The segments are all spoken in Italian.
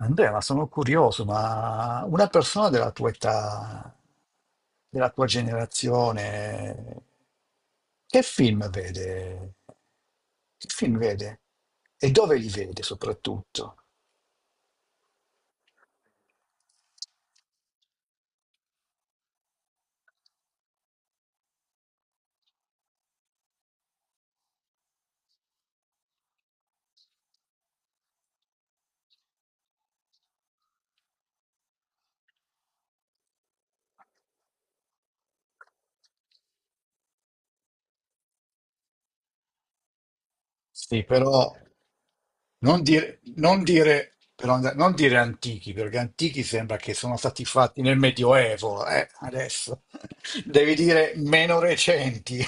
Andrea, ma sono curioso, ma una persona della tua età, della tua generazione, che film vede? Che film vede? E dove li vede soprattutto? Sì, però non dire, non dire- però non dire antichi, perché antichi sembra che sono stati fatti nel Medioevo, adesso. Devi dire meno recenti.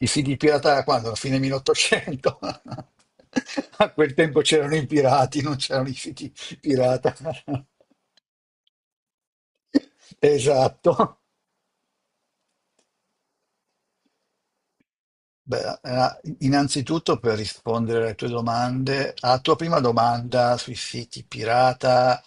I fighi pirata da quando? A fine 1800? A quel tempo c'erano i pirati, non c'erano i fighi pirata. Esatto. Beh, innanzitutto per rispondere alle tue domande, alla tua prima domanda sui siti pirata,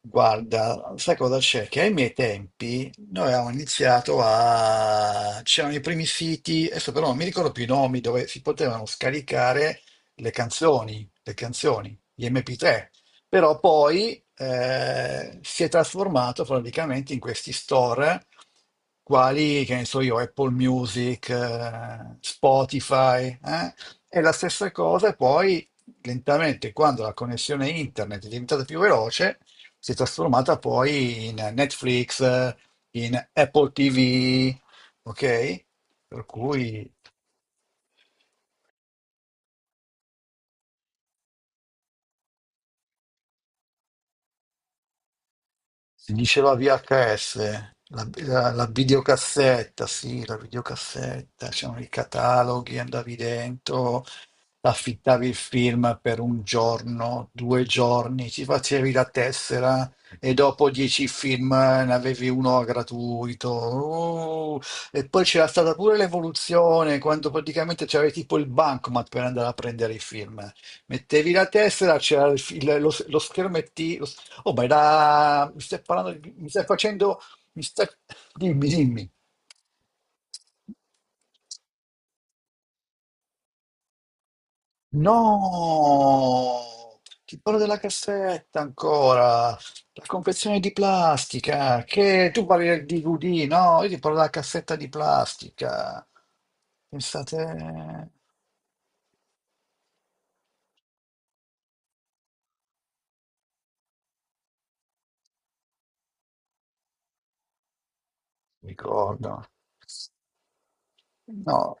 guarda, sai cosa c'è? Che ai miei tempi noi avevamo iniziato a... c'erano i primi siti, adesso però non mi ricordo più i nomi, dove si potevano scaricare le canzoni, gli MP3. Però poi si è trasformato praticamente in questi store quali, che ne so io, Apple Music, Spotify, eh? E la stessa cosa poi lentamente, quando la connessione internet è diventata più veloce, si è trasformata poi in Netflix, in Apple TV, ok? Per cui... Si diceva VHS, la videocassetta, sì, la videocassetta, c'erano i cataloghi, andavi dentro, affittavi il film per un giorno, due giorni, ti facevi la tessera e dopo dieci film ne avevi uno gratuito. Oh, e poi c'era stata pure l'evoluzione, quando praticamente c'era tipo il bancomat per andare a prendere i film. Mettevi la tessera, c'era il lo schermetto. Oh, ma era... mi stai parlando, di- mi stai facendo, mi stai... Dimmi, dimmi. No, ti parlo della cassetta ancora, la confezione di plastica, che tu parli del DVD, no? Io ti parlo della cassetta di plastica. Pensate, ricordo. No.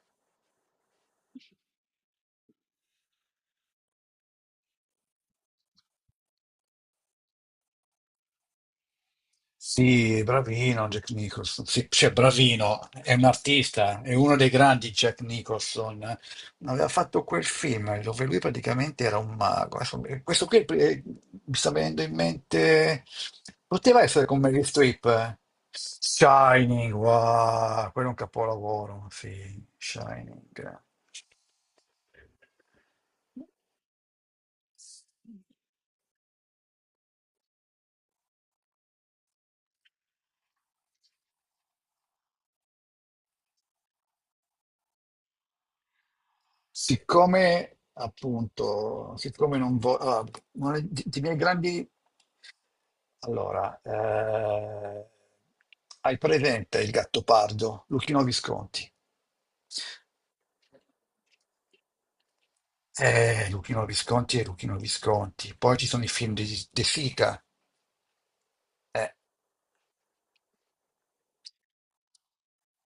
Sì, bravino Jack Nicholson. Sì, cioè, bravino, è un artista, è uno dei grandi Jack Nicholson. Aveva fatto quel film dove lui praticamente era un mago. Adesso, questo qui mi sta venendo in mente. Poteva essere come Meryl Streep. Eh. Shining, wow, quello è un capolavoro. Sì, Shining. Siccome appunto, siccome non voglio, i miei grandi, allora, hai presente il Gattopardo, Luchino Visconti? Luchino Visconti e Luchino Visconti. Poi ci sono i film di De Sica. Eh,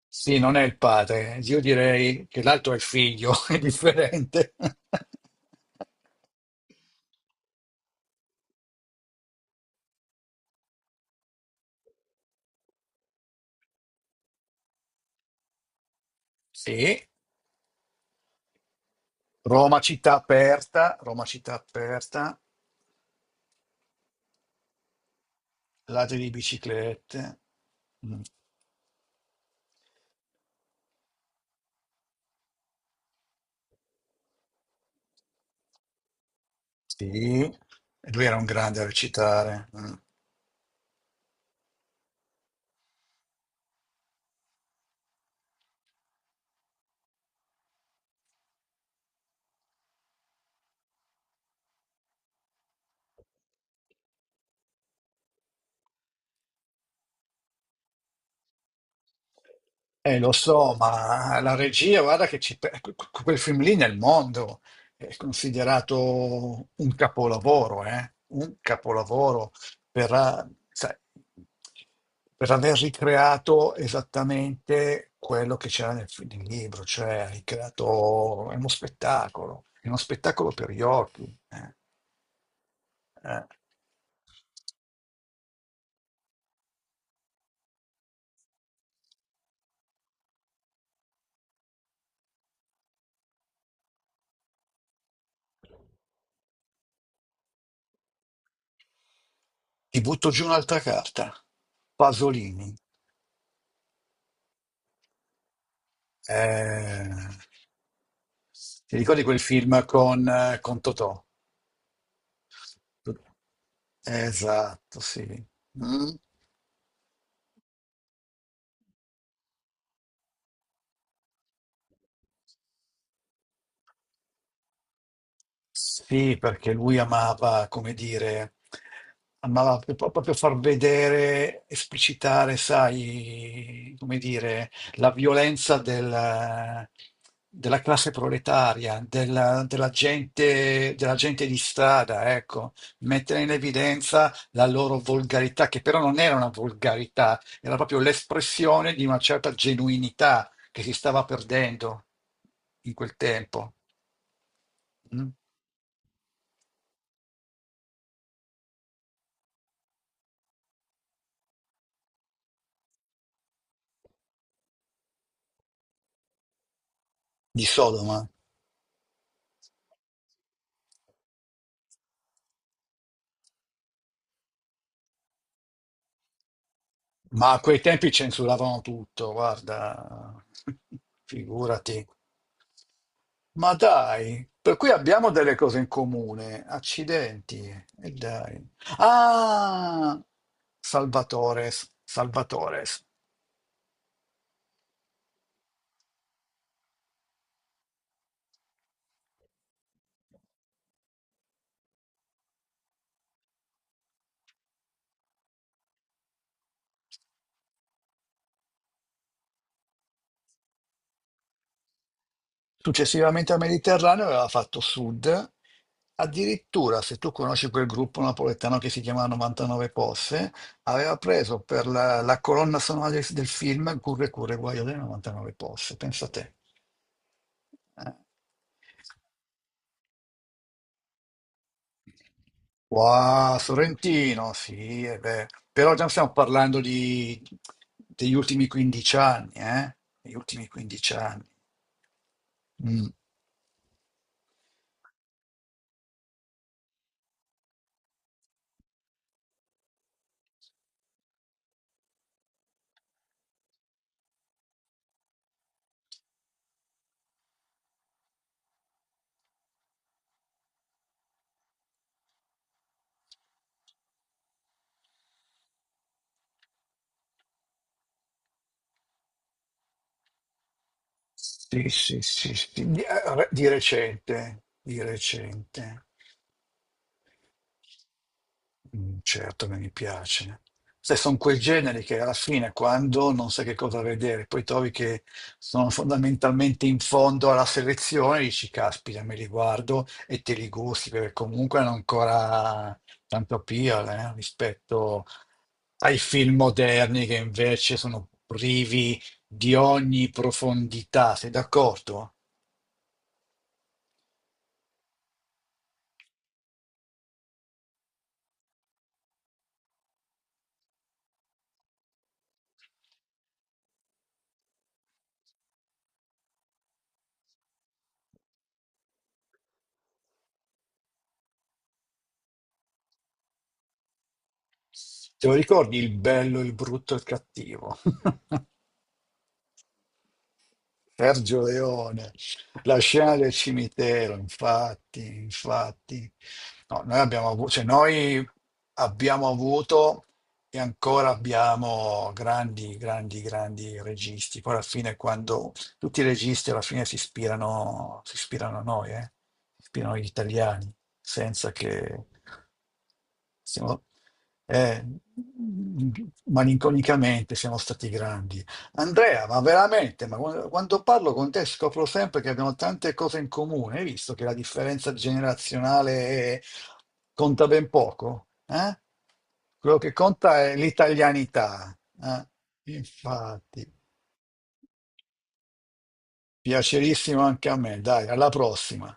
sì, non è il padre. Io direi che l'altro è il figlio, è differente. Sì. Roma città aperta, ladri di biciclette. Mm. Sì, e lui era un grande a recitare. Mm. Lo so, ma la regia, guarda che ci pe- que- que- quel film lì nel mondo è considerato un capolavoro, eh? Un capolavoro per, sai, per aver ricreato esattamente quello che c'era nel libro, cioè ha ricreato, è uno spettacolo per gli occhi. Eh, eh. Ti butto giù un'altra carta, Pasolini. Eh, Ti ricordi quel film con Totò? Esatto, sì. Mm. Sì, perché lui amava, come dire, amava proprio far vedere, esplicitare, sai, come dire, la violenza della classe proletaria, della gente di strada, ecco, mettere in evidenza la loro volgarità, che però non era una volgarità, era proprio l'espressione di una certa genuinità che si stava perdendo in quel tempo, mm, di Sodoma. Ma a quei tempi censuravano tutto, guarda, figurati. Ma dai, per cui abbiamo delle cose in comune, accidenti, e dai. Ah, Salvatores, Salvatores. Successivamente al Mediterraneo aveva fatto sud, addirittura, se tu conosci quel gruppo napoletano che si chiama 99 Posse, aveva preso per la colonna sonora del film Curre Curre Guaio delle 99 Posse, pensa te. Eh. Wow, Sorrentino, sì, eh beh. Però già stiamo parlando degli ultimi 15 anni, eh? Degli ultimi 15 anni. Mm. Sì, sì, sì, sì. Di, di recente, di recente. Mm, certo che mi piace. Se sono quei generi che alla fine, quando non sai che cosa vedere, poi trovi che sono fondamentalmente in fondo alla selezione, dici, caspita, me li guardo e te li gusti, perché comunque hanno ancora tanto appeal, rispetto ai film moderni che invece sono privi di ogni profondità. Sei d'accordo? Te lo ricordi il bello, il brutto e il cattivo? Sergio Leone, la scena del cimitero, infatti, infatti. No, noi abbiamo avuto, cioè noi abbiamo avuto e ancora abbiamo grandi, grandi, grandi registi. Poi alla fine, quando tutti i registi alla fine si ispirano a noi, eh? Si ispirano agli italiani, senza che siamo, eh, malinconicamente siamo stati grandi. Andrea, ma veramente, ma quando parlo con te scopro sempre che abbiamo tante cose in comune. Hai visto che la differenza generazionale conta ben poco? Eh? Quello che conta è l'italianità. Eh? Infatti, piacerissimo anche a me. Dai, alla prossima.